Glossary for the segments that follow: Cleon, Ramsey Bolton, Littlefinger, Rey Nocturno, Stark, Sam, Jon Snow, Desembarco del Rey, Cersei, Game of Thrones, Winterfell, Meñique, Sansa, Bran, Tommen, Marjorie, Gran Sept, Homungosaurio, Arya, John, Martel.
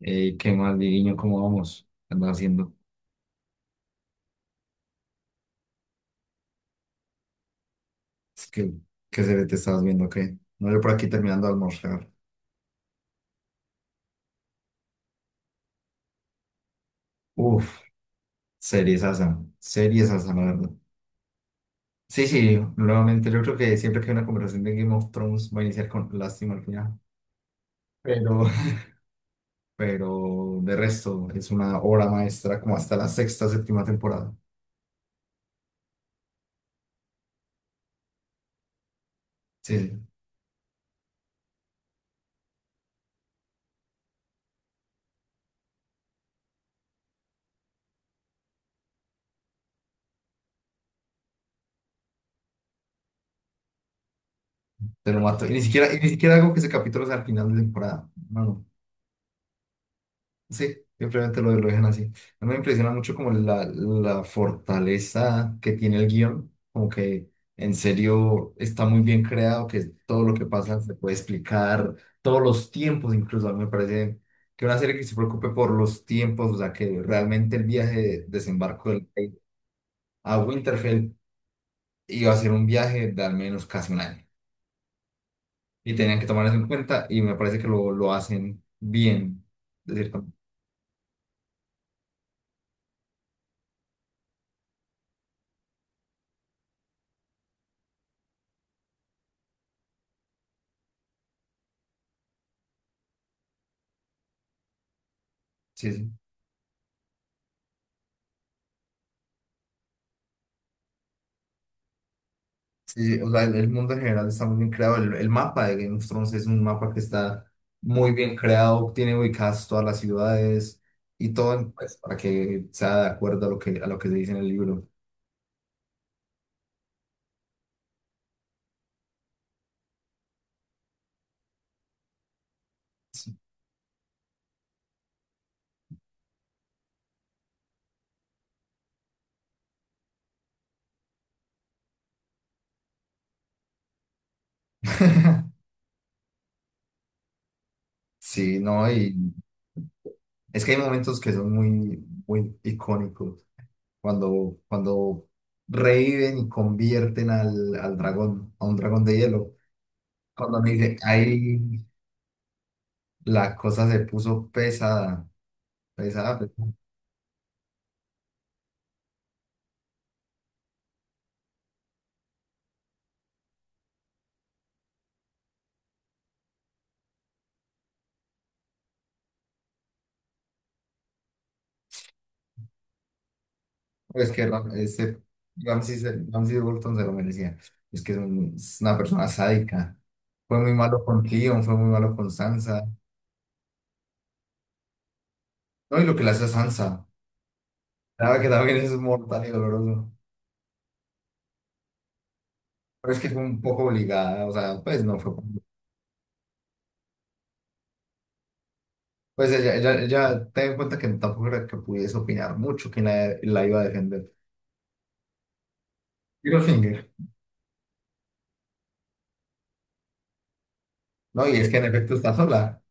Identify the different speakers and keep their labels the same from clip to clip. Speaker 1: Ey, ¿qué más, Diriño? ¿Cómo vamos? ¿Qué andas haciendo? Es que, ¿Qué serie te estabas viendo? ¿Qué? No, yo por aquí terminando de almorzar. Uf, series asa, la verdad. Sí, sí, nuevamente yo creo que siempre que hay una conversación de Game of Thrones va a iniciar con lástima al final. Pero, pero de resto, es una obra maestra como hasta la sexta, séptima temporada. Sí, sí, te lo mato. Y ni siquiera hago que ese capítulo sea al final de temporada. No, no. Sí, simplemente lo dejan así. A mí me impresiona mucho como la fortaleza que tiene el guión, como que en serio está muy bien creado, que todo lo que pasa se puede explicar, todos los tiempos incluso, a mí me parece que una serie que se preocupe por los tiempos, o sea, que realmente el viaje de desembarco del rey a Winterfell iba a ser un viaje de al menos casi un año. Y tenían que tomar eso en cuenta y me parece que lo hacen bien, de cierto. Sí, sí. Sí, o sea, el mundo en general está muy bien creado. El mapa de Game of Thrones es un mapa que está muy bien creado, tiene ubicadas todas las ciudades y todo, pues, para que sea de acuerdo a lo que se dice en el libro. Sí, no, y es que hay momentos que son muy, muy icónicos. Cuando, cuando reviven y convierten al, al dragón, a un dragón de hielo. Cuando me dice, ahí la cosa se puso pesada, pesada. Pesada. Es que Ram- ese Ramsey, Ramsey Bolton se lo merecía. Es que es una persona sádica. Fue muy malo con Cleon, fue muy malo con Sansa. No, y lo que le hace a Sansa. La verdad que también es mortal y doloroso. Pero es que fue un poco obligada, o sea, pues no fue. Pues ella ten en cuenta que tampoco era que pudiese opinar mucho quién la iba a defender. Littlefinger. No, y es que en efecto está sola.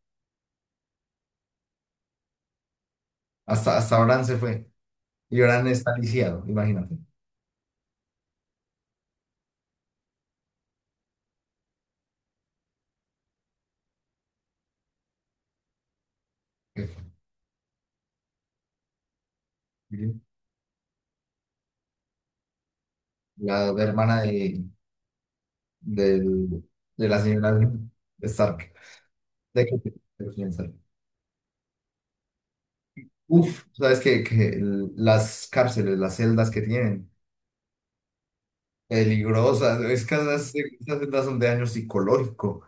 Speaker 1: Hasta, hasta Bran se fue. Y Bran está lisiado, imagínate. La hermana de, del- de la señora Stark. De que- de la señora Stark. Uf, sabes que las cárceles, las celdas que tienen, peligrosas, es que esas, esas celdas son de daño psicológico.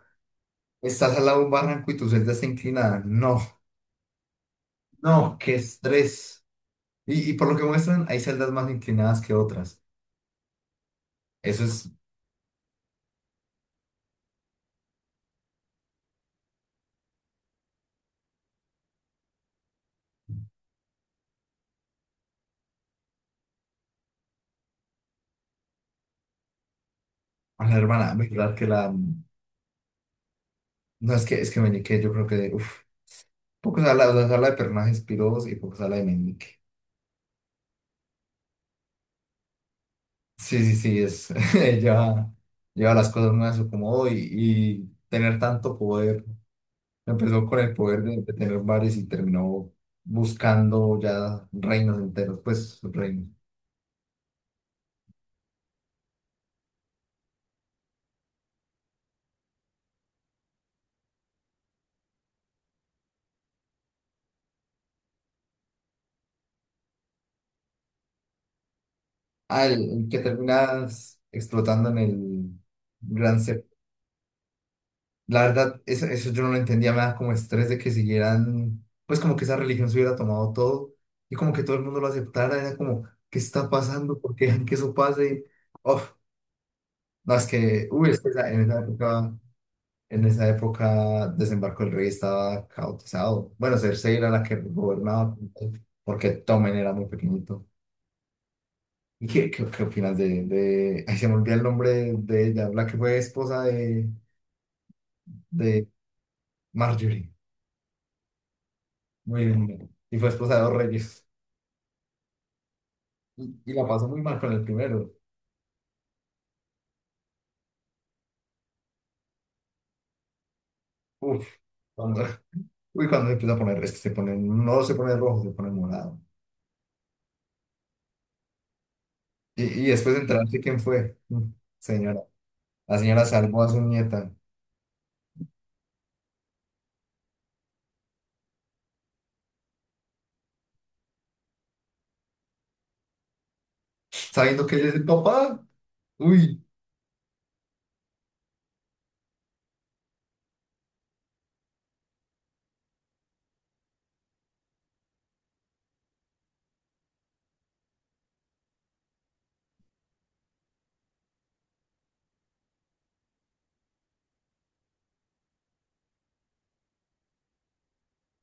Speaker 1: Estás al lado de un barranco y tu celda está inclinada. No, no, qué estrés. Y por lo que muestran, hay celdas más inclinadas que otras. Eso es, a la hermana, verdad que la... No, es que Meñique, yo creo que, uf, poco se habla de personajes pirosos y poco se habla de Meñique. Sí, sí, sí, es, lleva, lleva las cosas muy a su acomodo y tener tanto poder. Empezó con el poder de tener bares y terminó buscando ya reinos enteros, pues reinos. Ah, el que terminas explotando en el Gran Sept. La verdad, eso yo no lo entendía, me da como estrés de que siguieran, pues como que esa religión se hubiera tomado todo y como que todo el mundo lo aceptara, era como, ¿qué está pasando? ¿Por qué dejan que eso pase? Uf, no, es que, uy, es que en esa época Desembarco del Rey estaba caotizado. Bueno, Cersei era la que gobernaba, porque Tommen era muy pequeñito. ¿Y qué opinas de... Ay, se me olvida el nombre de ella, la que fue esposa de Marjorie. Muy bien. Y fue esposa de dos reyes. Y la pasó muy mal con el primero. Uf, cuando, uy, cuando se empieza a poner, es que se pone, no se pone rojo, se pone morado. Y después de enterarse quién fue. Señora. La señora salvó a su nieta. Sabiendo que él es el papá. Uy,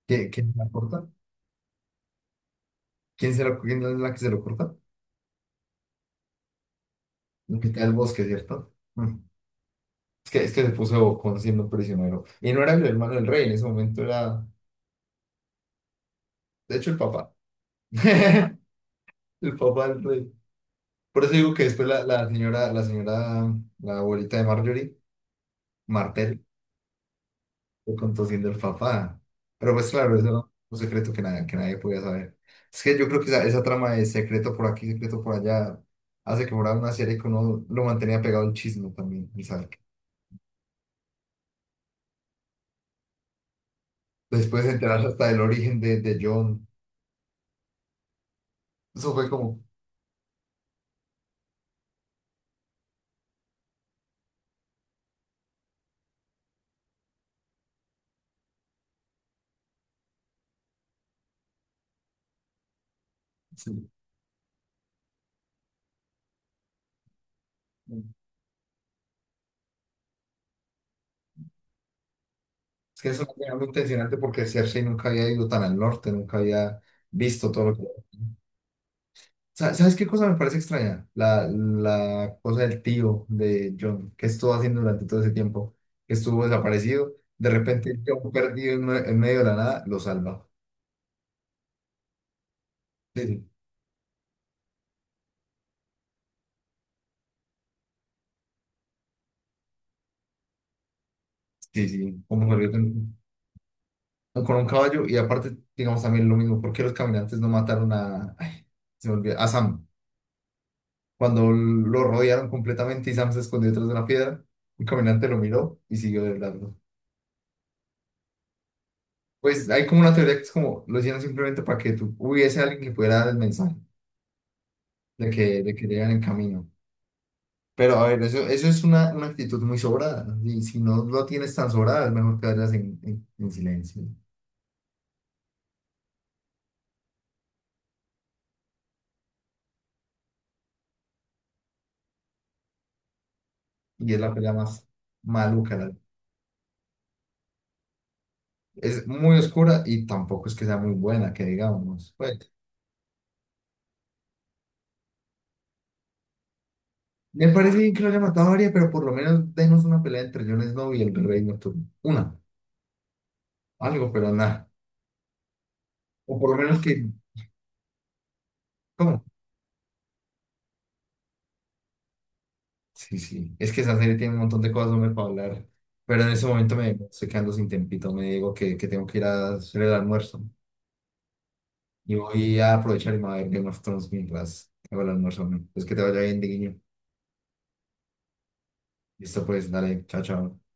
Speaker 1: ¿quién se la corta? ¿Quién quién es la que se lo corta? La que está en el bosque, ¿cierto? Mm. Es que se puso bocón siendo prisionero. Y no era el hermano del rey, en ese momento era, de hecho, el papá. El papá del rey. Por eso digo que después la señora, la señora, la abuelita de Marjorie, Martel, lo contó siendo el papá. Pero pues claro, eso era un secreto que, que nadie podía saber. Es que yo creo que esa trama de secreto por aquí, secreto por allá, hace que fuera una serie que uno lo mantenía pegado al chisme también, y sabe que... Después de enterarse hasta del origen de John, eso fue como... Sí. Es que es una cosa muy intencionante porque Cersei nunca había ido tan al norte, nunca había visto todo lo que ¿sabes qué cosa me parece extraña? La cosa del tío de John, que estuvo haciendo durante todo ese tiempo, que estuvo desaparecido. De repente, John perdido en, en medio de la nada, lo salva. Sí, sí, sí, como perdió con un caballo. Y aparte, digamos también lo mismo, ¿por qué los caminantes no mataron a, ay, se me olvida, a Sam? Cuando lo rodearon completamente y Sam se escondió detrás de una piedra, un caminante lo miró y siguió de largo. Pues hay como una teoría que es como, lo hicieron simplemente para que tú hubiese alguien que pudiera dar el mensaje. De que, de que llegan en camino. Pero a ver, eso es una actitud muy sobrada, ¿no? Y si no lo tienes tan sobrada, es mejor que vayas en, en silencio. Y es la pelea más maluca. La... Es muy oscura y tampoco es que sea muy buena, que digamos. Pues, me parece bien que lo haya matado a Arya, pero por lo menos denos una pelea entre Jon Snow y el Rey Nocturno. Una, algo, pero nada. O por lo menos que, ¿cómo? Sí, sí. Es que esa serie tiene un montón de cosas hombre, para hablar. Pero en ese momento me estoy quedando sin tempito. Me digo que tengo que ir a hacer el almuerzo. Y voy a aprovechar y me voy a ver Game of Thrones mientras hago el almuerzo, hombre. Pues que te vaya bien, de guiño. Listo, pues, dale. Chao, chao.